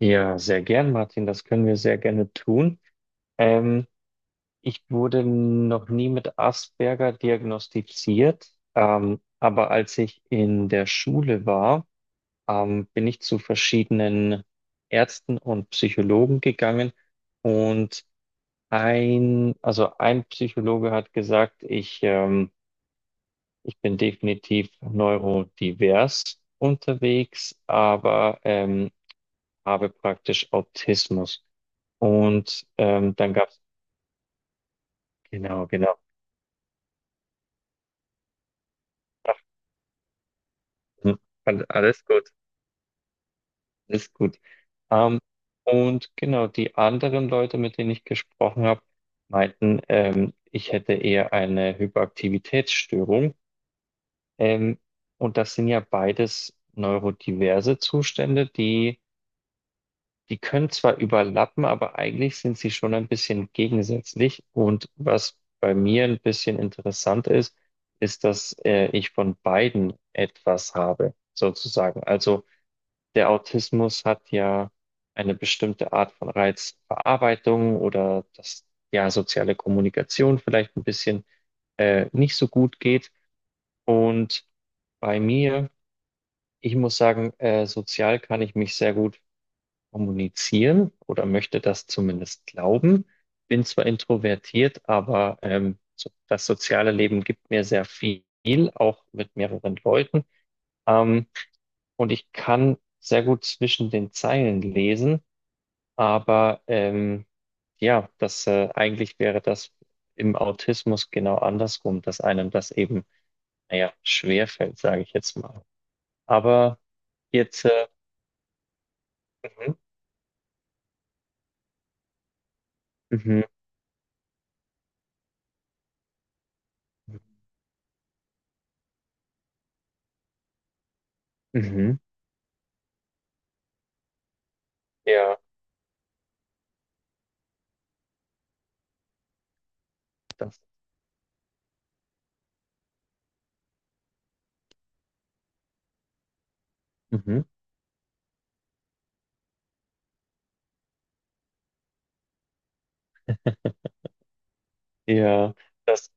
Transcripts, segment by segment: Ja, sehr gern, Martin. Das können wir sehr gerne tun. Ähm, ich wurde noch nie mit Asperger diagnostiziert, aber als ich in der Schule war, bin ich zu verschiedenen Ärzten und Psychologen gegangen, und also ein Psychologe hat gesagt, ich bin definitiv neurodivers unterwegs, aber habe praktisch Autismus. Und dann gab's, genau, genau. Ach, hm, alles gut, alles gut. Ähm, und genau, die anderen Leute, mit denen ich gesprochen habe, meinten, ich hätte eher eine Hyperaktivitätsstörung. Ähm, und das sind ja beides neurodiverse Zustände. Die können zwar überlappen, aber eigentlich sind sie schon ein bisschen gegensätzlich. Und was bei mir ein bisschen interessant ist, ist, dass ich von beiden etwas habe, sozusagen. Also der Autismus hat ja eine bestimmte Art von Reizverarbeitung, oder dass ja soziale Kommunikation vielleicht ein bisschen nicht so gut geht. Und bei mir, ich muss sagen, sozial kann ich mich sehr gut kommunizieren oder möchte das zumindest glauben. Bin zwar introvertiert, aber so, das soziale Leben gibt mir sehr viel, auch mit mehreren Leuten. Ähm, und ich kann sehr gut zwischen den Zeilen lesen, aber ja, das eigentlich wäre das im Autismus genau andersrum, dass einem das eben, naja, schwerfällt, sage ich jetzt mal. Aber jetzt, mhm, mhm, mhm, mhm. Ja, das, mhm. Ja, das,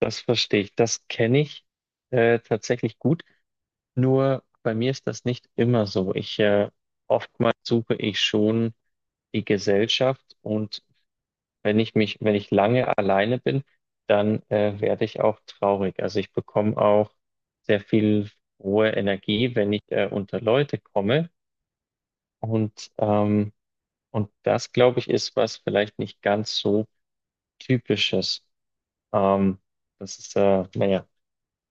das verstehe ich. Das kenne ich tatsächlich gut. Nur bei mir ist das nicht immer so. Ich Oftmals suche ich schon die Gesellschaft, und wenn ich lange alleine bin, dann werde ich auch traurig. Also ich bekomme auch sehr viel hohe Energie, wenn ich unter Leute komme. Und ähm, und das, glaube ich, ist was vielleicht nicht ganz so typisches. Ähm, das ist naja,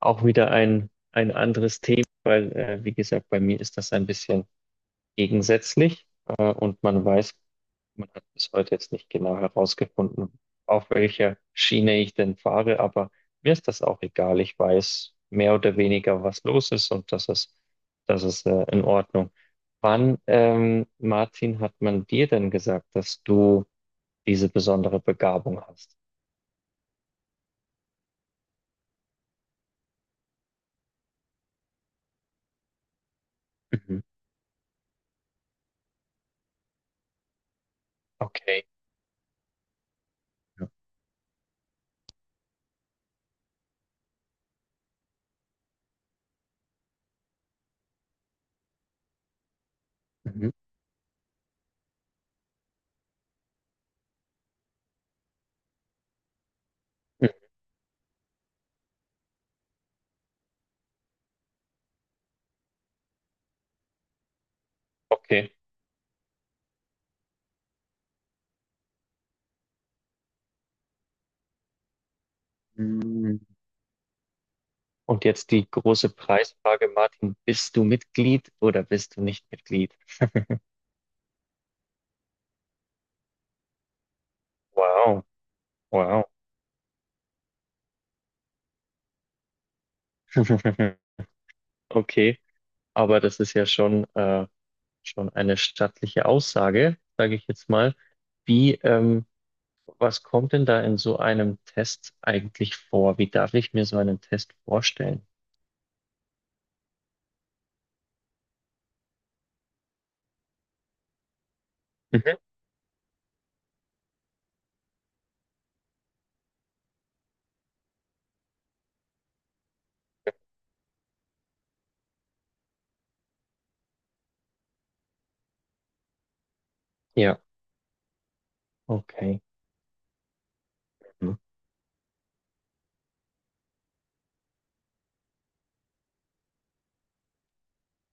auch wieder ein anderes Thema, weil, wie gesagt, bei mir ist das ein bisschen gegensätzlich, und man weiß, man hat bis heute jetzt nicht genau herausgefunden, auf welcher Schiene ich denn fahre, aber mir ist das auch egal. Ich weiß mehr oder weniger, was los ist, und das ist, in Ordnung. Wann, Martin, hat man dir denn gesagt, dass du diese besondere Begabung hast? Mhm. Okay. Ja. Mhm. Mhm. Okay. Und jetzt die große Preisfrage, Martin: Bist du Mitglied oder bist du nicht Mitglied? Wow, wow. Okay, aber das ist ja schon, schon eine stattliche Aussage, sage ich jetzt mal. Wie, ähm, Was kommt denn da in so einem Test eigentlich vor? Wie darf ich mir so einen Test vorstellen? Mhm. Ja, okay. Mhm.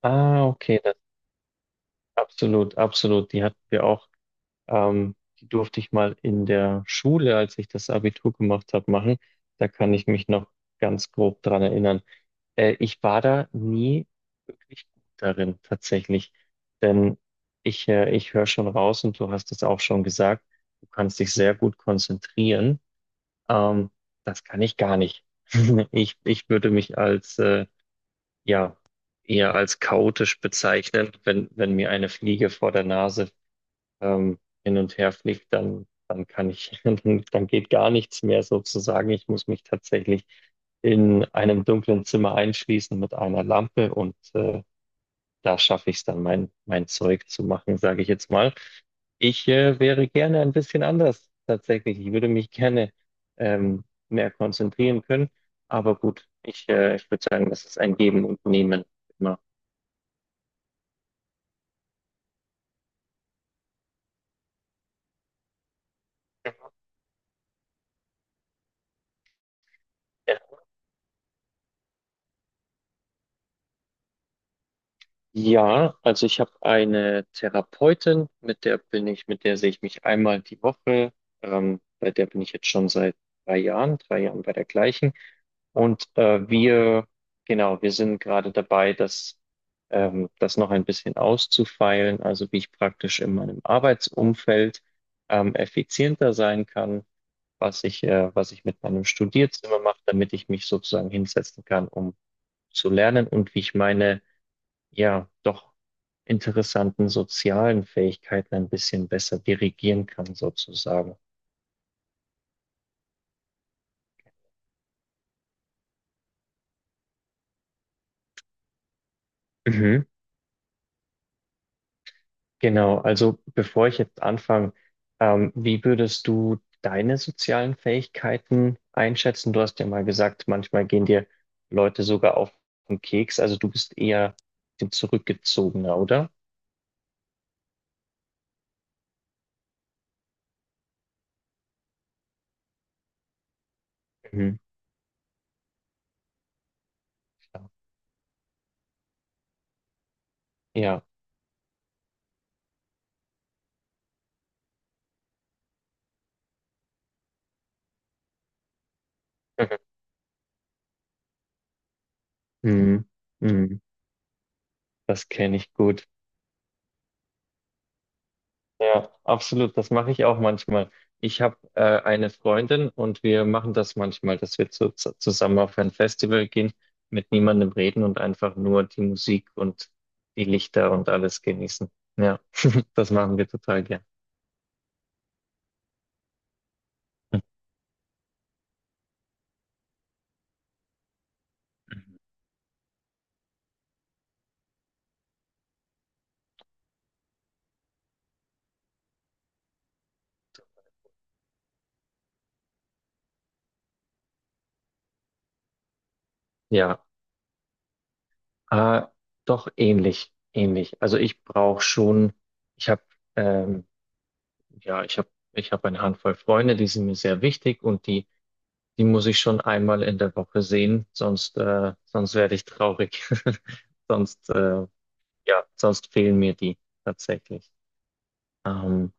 Ah, okay, das absolut, absolut. Die hatten wir auch. Ähm, Die durfte ich mal in der Schule, als ich das Abitur gemacht habe, machen. Da kann ich mich noch ganz grob dran erinnern. Ich war da nie wirklich gut darin, tatsächlich. Denn ich höre schon raus, und du hast es auch schon gesagt, du kannst dich sehr gut konzentrieren. Ähm, das kann ich gar nicht. Ich würde mich ja, eher als chaotisch bezeichnen, wenn, wenn mir eine Fliege vor der Nase hin und her fliegt, dann kann ich, dann geht gar nichts mehr sozusagen. Ich muss mich tatsächlich in einem dunklen Zimmer einschließen mit einer Lampe, und da schaffe ich es dann, mein Zeug zu machen, sage ich jetzt mal. Ich wäre gerne ein bisschen anders tatsächlich. Ich würde mich gerne mehr konzentrieren können. Aber gut, ich würde sagen, das ist ein Geben und Nehmen, immer. Ja, also ich habe eine Therapeutin, mit der sehe ich mich einmal die Woche. Bei der bin ich jetzt schon seit 3 Jahren, 3 Jahren bei der gleichen. Und genau, wir sind gerade dabei, das noch ein bisschen auszufeilen, also wie ich praktisch in meinem Arbeitsumfeld effizienter sein kann, was ich mit meinem Studierzimmer mache, damit ich mich sozusagen hinsetzen kann, um zu lernen, und wie ich meine ja doch interessanten sozialen Fähigkeiten ein bisschen besser dirigieren kann, sozusagen. Mhm. Genau, also bevor ich jetzt anfange, wie würdest du deine sozialen Fähigkeiten einschätzen? Du hast ja mal gesagt, manchmal gehen dir Leute sogar auf den Keks, also du bist eher ein zurückgezogener, oder? Mhm. Klar. Ja. Mhm. Mhm. Mhm. Das kenne ich gut. Ja, absolut. Das mache ich auch manchmal. Ich habe eine Freundin, und wir machen das manchmal, dass wir zusammen auf ein Festival gehen, mit niemandem reden und einfach nur die Musik und die Lichter und alles genießen. Ja, das machen wir total gern. Ja, äh, doch ähnlich, ähnlich. Also ich habe, ähm, ja, ich habe eine Handvoll Freunde, die sind mir sehr wichtig, und die muss ich schon einmal in der Woche sehen, sonst werde ich traurig. Sonst, äh, ja, sonst fehlen mir die tatsächlich. Ähm,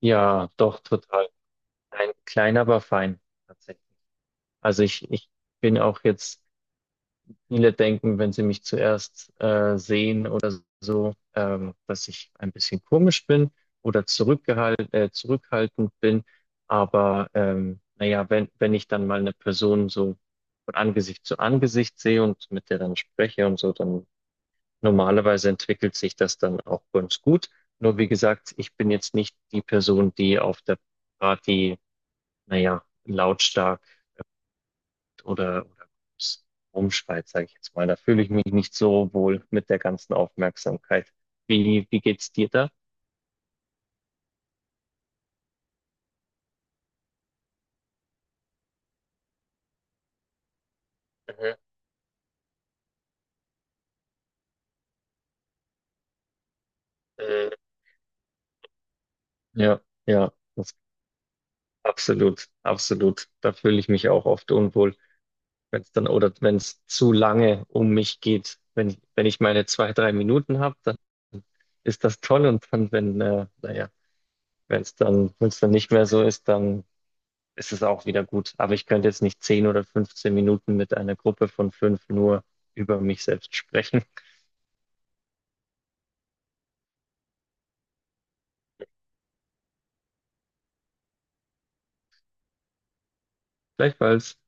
ja, doch, total. Ein klein, aber fein, tatsächlich. Also ich bin auch jetzt. Viele denken, wenn sie mich zuerst sehen oder so, dass ich ein bisschen komisch bin oder zurückhaltend bin. Aber naja, wenn ich dann mal eine Person so von Angesicht zu Angesicht sehe und mit der dann spreche und so, dann normalerweise entwickelt sich das dann auch ganz gut. Nur wie gesagt, ich bin jetzt nicht die Person, die auf der Party, naja, lautstark oder rumschreit, sage ich jetzt mal. Da fühle ich mich nicht so wohl mit der ganzen Aufmerksamkeit. Wie geht's dir da? Mhm. Äh, Ja, ja, absolut, absolut. Da fühle ich mich auch oft unwohl, wenn es dann oder wenn es zu lange um mich geht. Wenn ich meine 2, 3 Minuten habe, dann ist das toll, und dann, wenn, naja, wenn es dann nicht mehr so ist, dann ist es auch wieder gut. Aber ich könnte jetzt nicht 10 oder 15 Minuten mit einer Gruppe von fünf nur über mich selbst sprechen. Gleichfalls.